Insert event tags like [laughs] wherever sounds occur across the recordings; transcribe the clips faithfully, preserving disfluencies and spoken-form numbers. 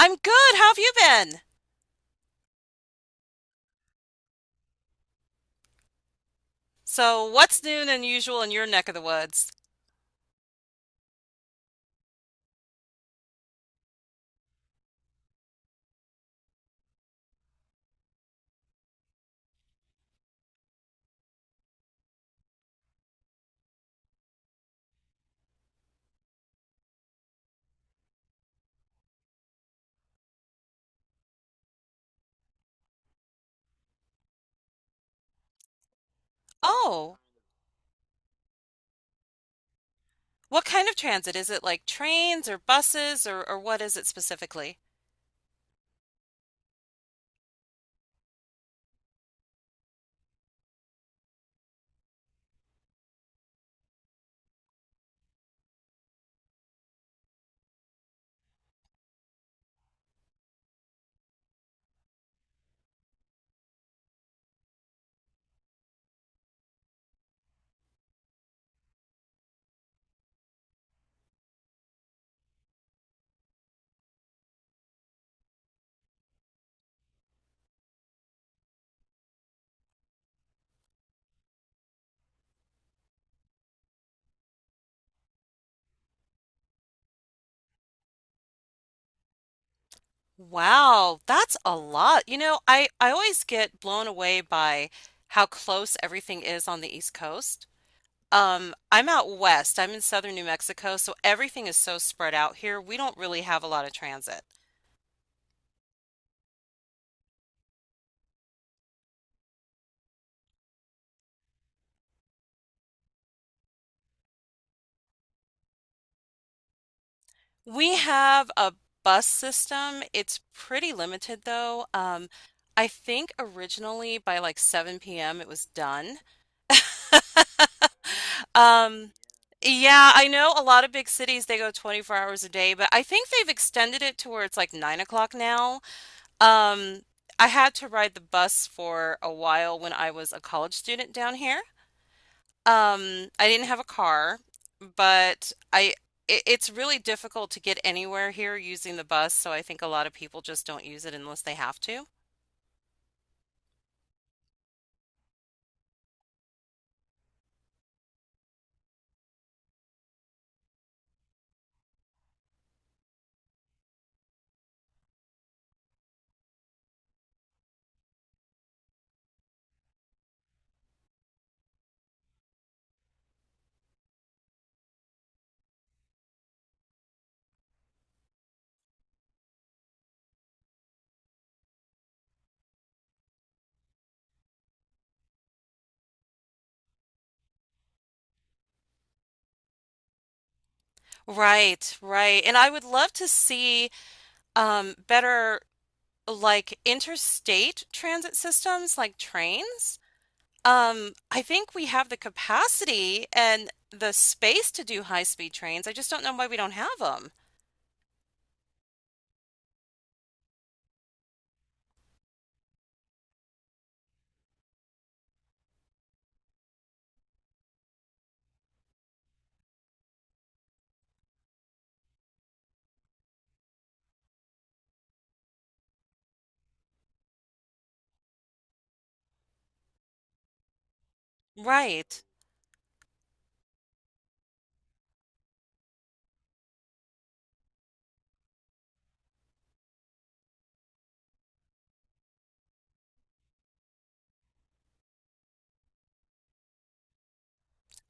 I'm good. How have you been? So, what's new and unusual in your neck of the woods? Oh, what kind of transit? Is it like trains or buses or, or what is it specifically? Wow, that's a lot. You know, I, I always get blown away by how close everything is on the East Coast. Um, I'm out west. I'm in southern New Mexico, so everything is so spread out here. We don't really have a lot of transit. We have a bus system. It's pretty limited though. Um, I think originally by like seven p m it was done. [laughs] Um, yeah, I know a lot of big cities they go twenty-four hours a day, but I think they've extended it to where it's like nine o'clock now. Um, I had to ride the bus for a while when I was a college student down here. Um, I didn't have a car, but I it, it's really difficult to get anywhere here using the bus, so I think a lot of people just don't use it unless they have to. Right, right. And I would love to see um better like interstate transit systems like trains. Um, I think we have the capacity and the space to do high-speed trains. I just don't know why we don't have them. Right.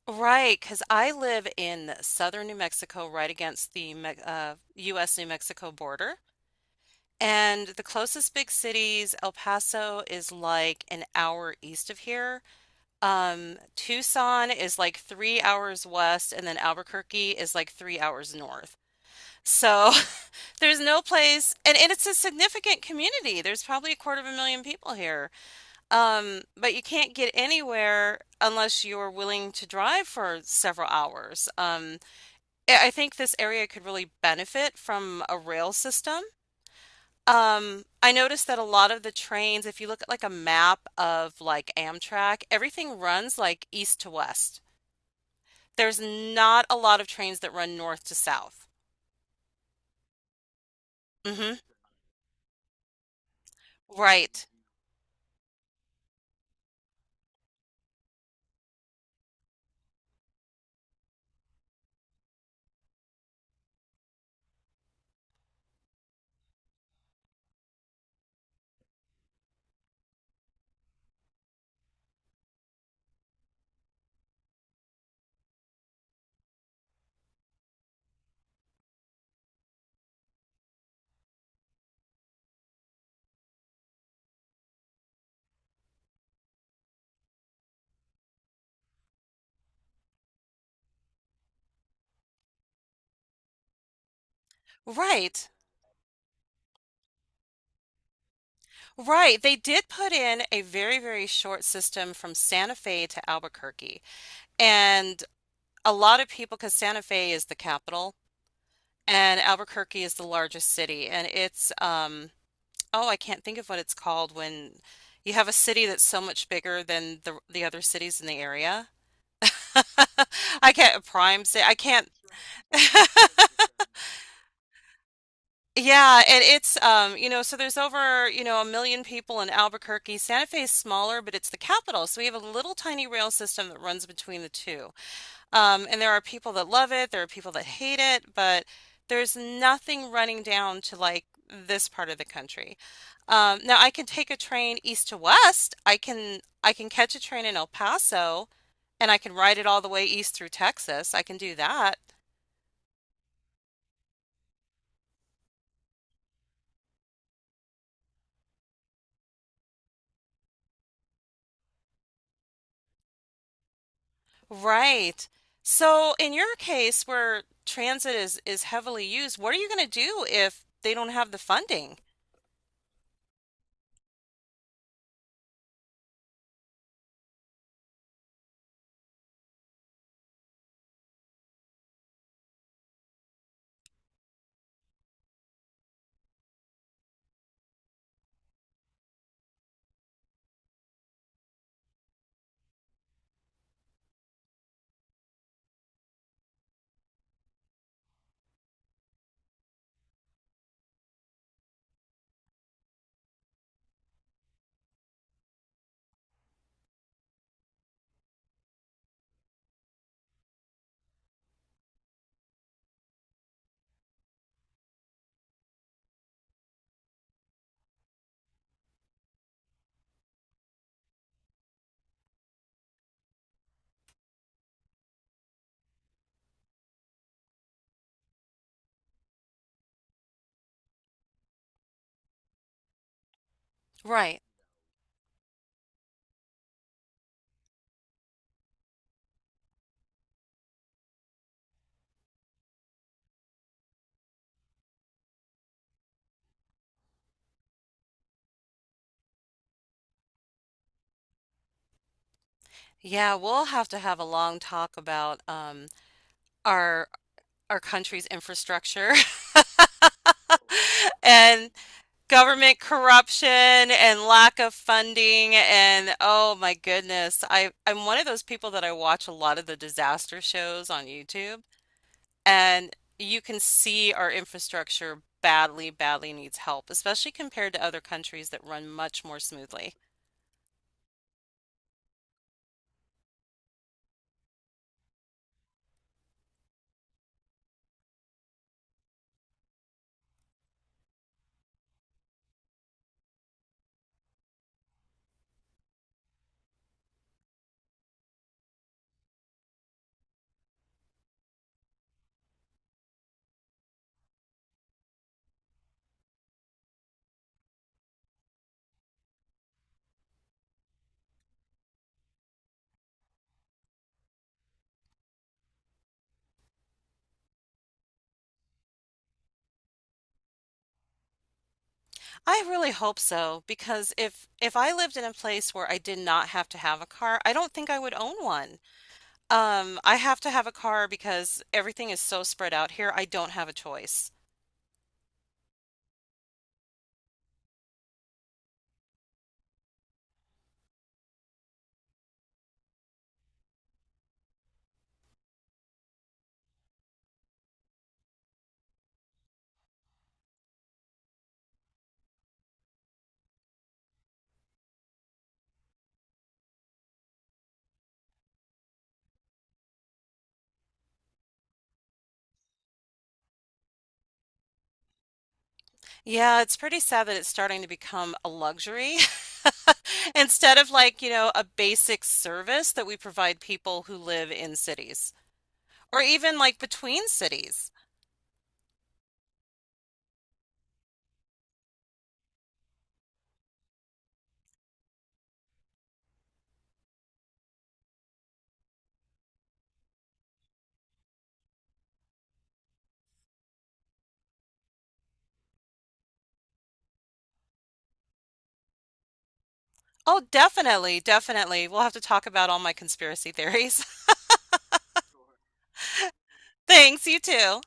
Right, because I live in southern New Mexico, right against the Me uh, U S. New Mexico border. And the closest big cities, El Paso is like an hour east of here. Um, Tucson is like three hours west, and then Albuquerque is like three hours north. So [laughs] there's no place, and, and it's a significant community. There's probably a quarter of a million people here. Um, but you can't get anywhere unless you're willing to drive for several hours. Um, I think this area could really benefit from a rail system. Um, I noticed that a lot of the trains, if you look at like a map of like Amtrak, everything runs like east to west. There's not a lot of trains that run north to south. hmm Right. Right. Right. They did put in a very, very short system from Santa Fe to Albuquerque. And a lot of people, because Santa Fe is the capital and Albuquerque is the largest city, and it's um oh, I can't think of what it's called when you have a city that's so much bigger than the the other cities in the area. [laughs] I can't prime say I can't. [laughs] Yeah, and it's um, you know, so there's over, you know, a million people in Albuquerque. Santa Fe is smaller, but it's the capital, so we have a little tiny rail system that runs between the two. Um, and there are people that love it, there are people that hate it, but there's nothing running down to like this part of the country. Um, now I can take a train east to west. I can I can catch a train in El Paso and I can ride it all the way east through Texas. I can do that. Right. So in your case where transit is is heavily used, what are you going to do if they don't have the funding? Right. Yeah, we'll have to have a long talk about um, our our country's infrastructure [laughs] and government corruption and lack of funding and oh my goodness I I'm one of those people that I watch a lot of the disaster shows on YouTube and you can see our infrastructure badly badly needs help especially compared to other countries that run much more smoothly. I really hope so because if if I lived in a place where I did not have to have a car, I don't think I would own one. Um, I have to have a car because everything is so spread out here. I don't have a choice. Yeah, it's pretty sad that it's starting to become a luxury [laughs] instead of like, you know, a basic service that we provide people who live in cities or even like between cities. Oh, definitely, definitely. We'll have to talk about all my conspiracy theories. [laughs] Thanks, you too.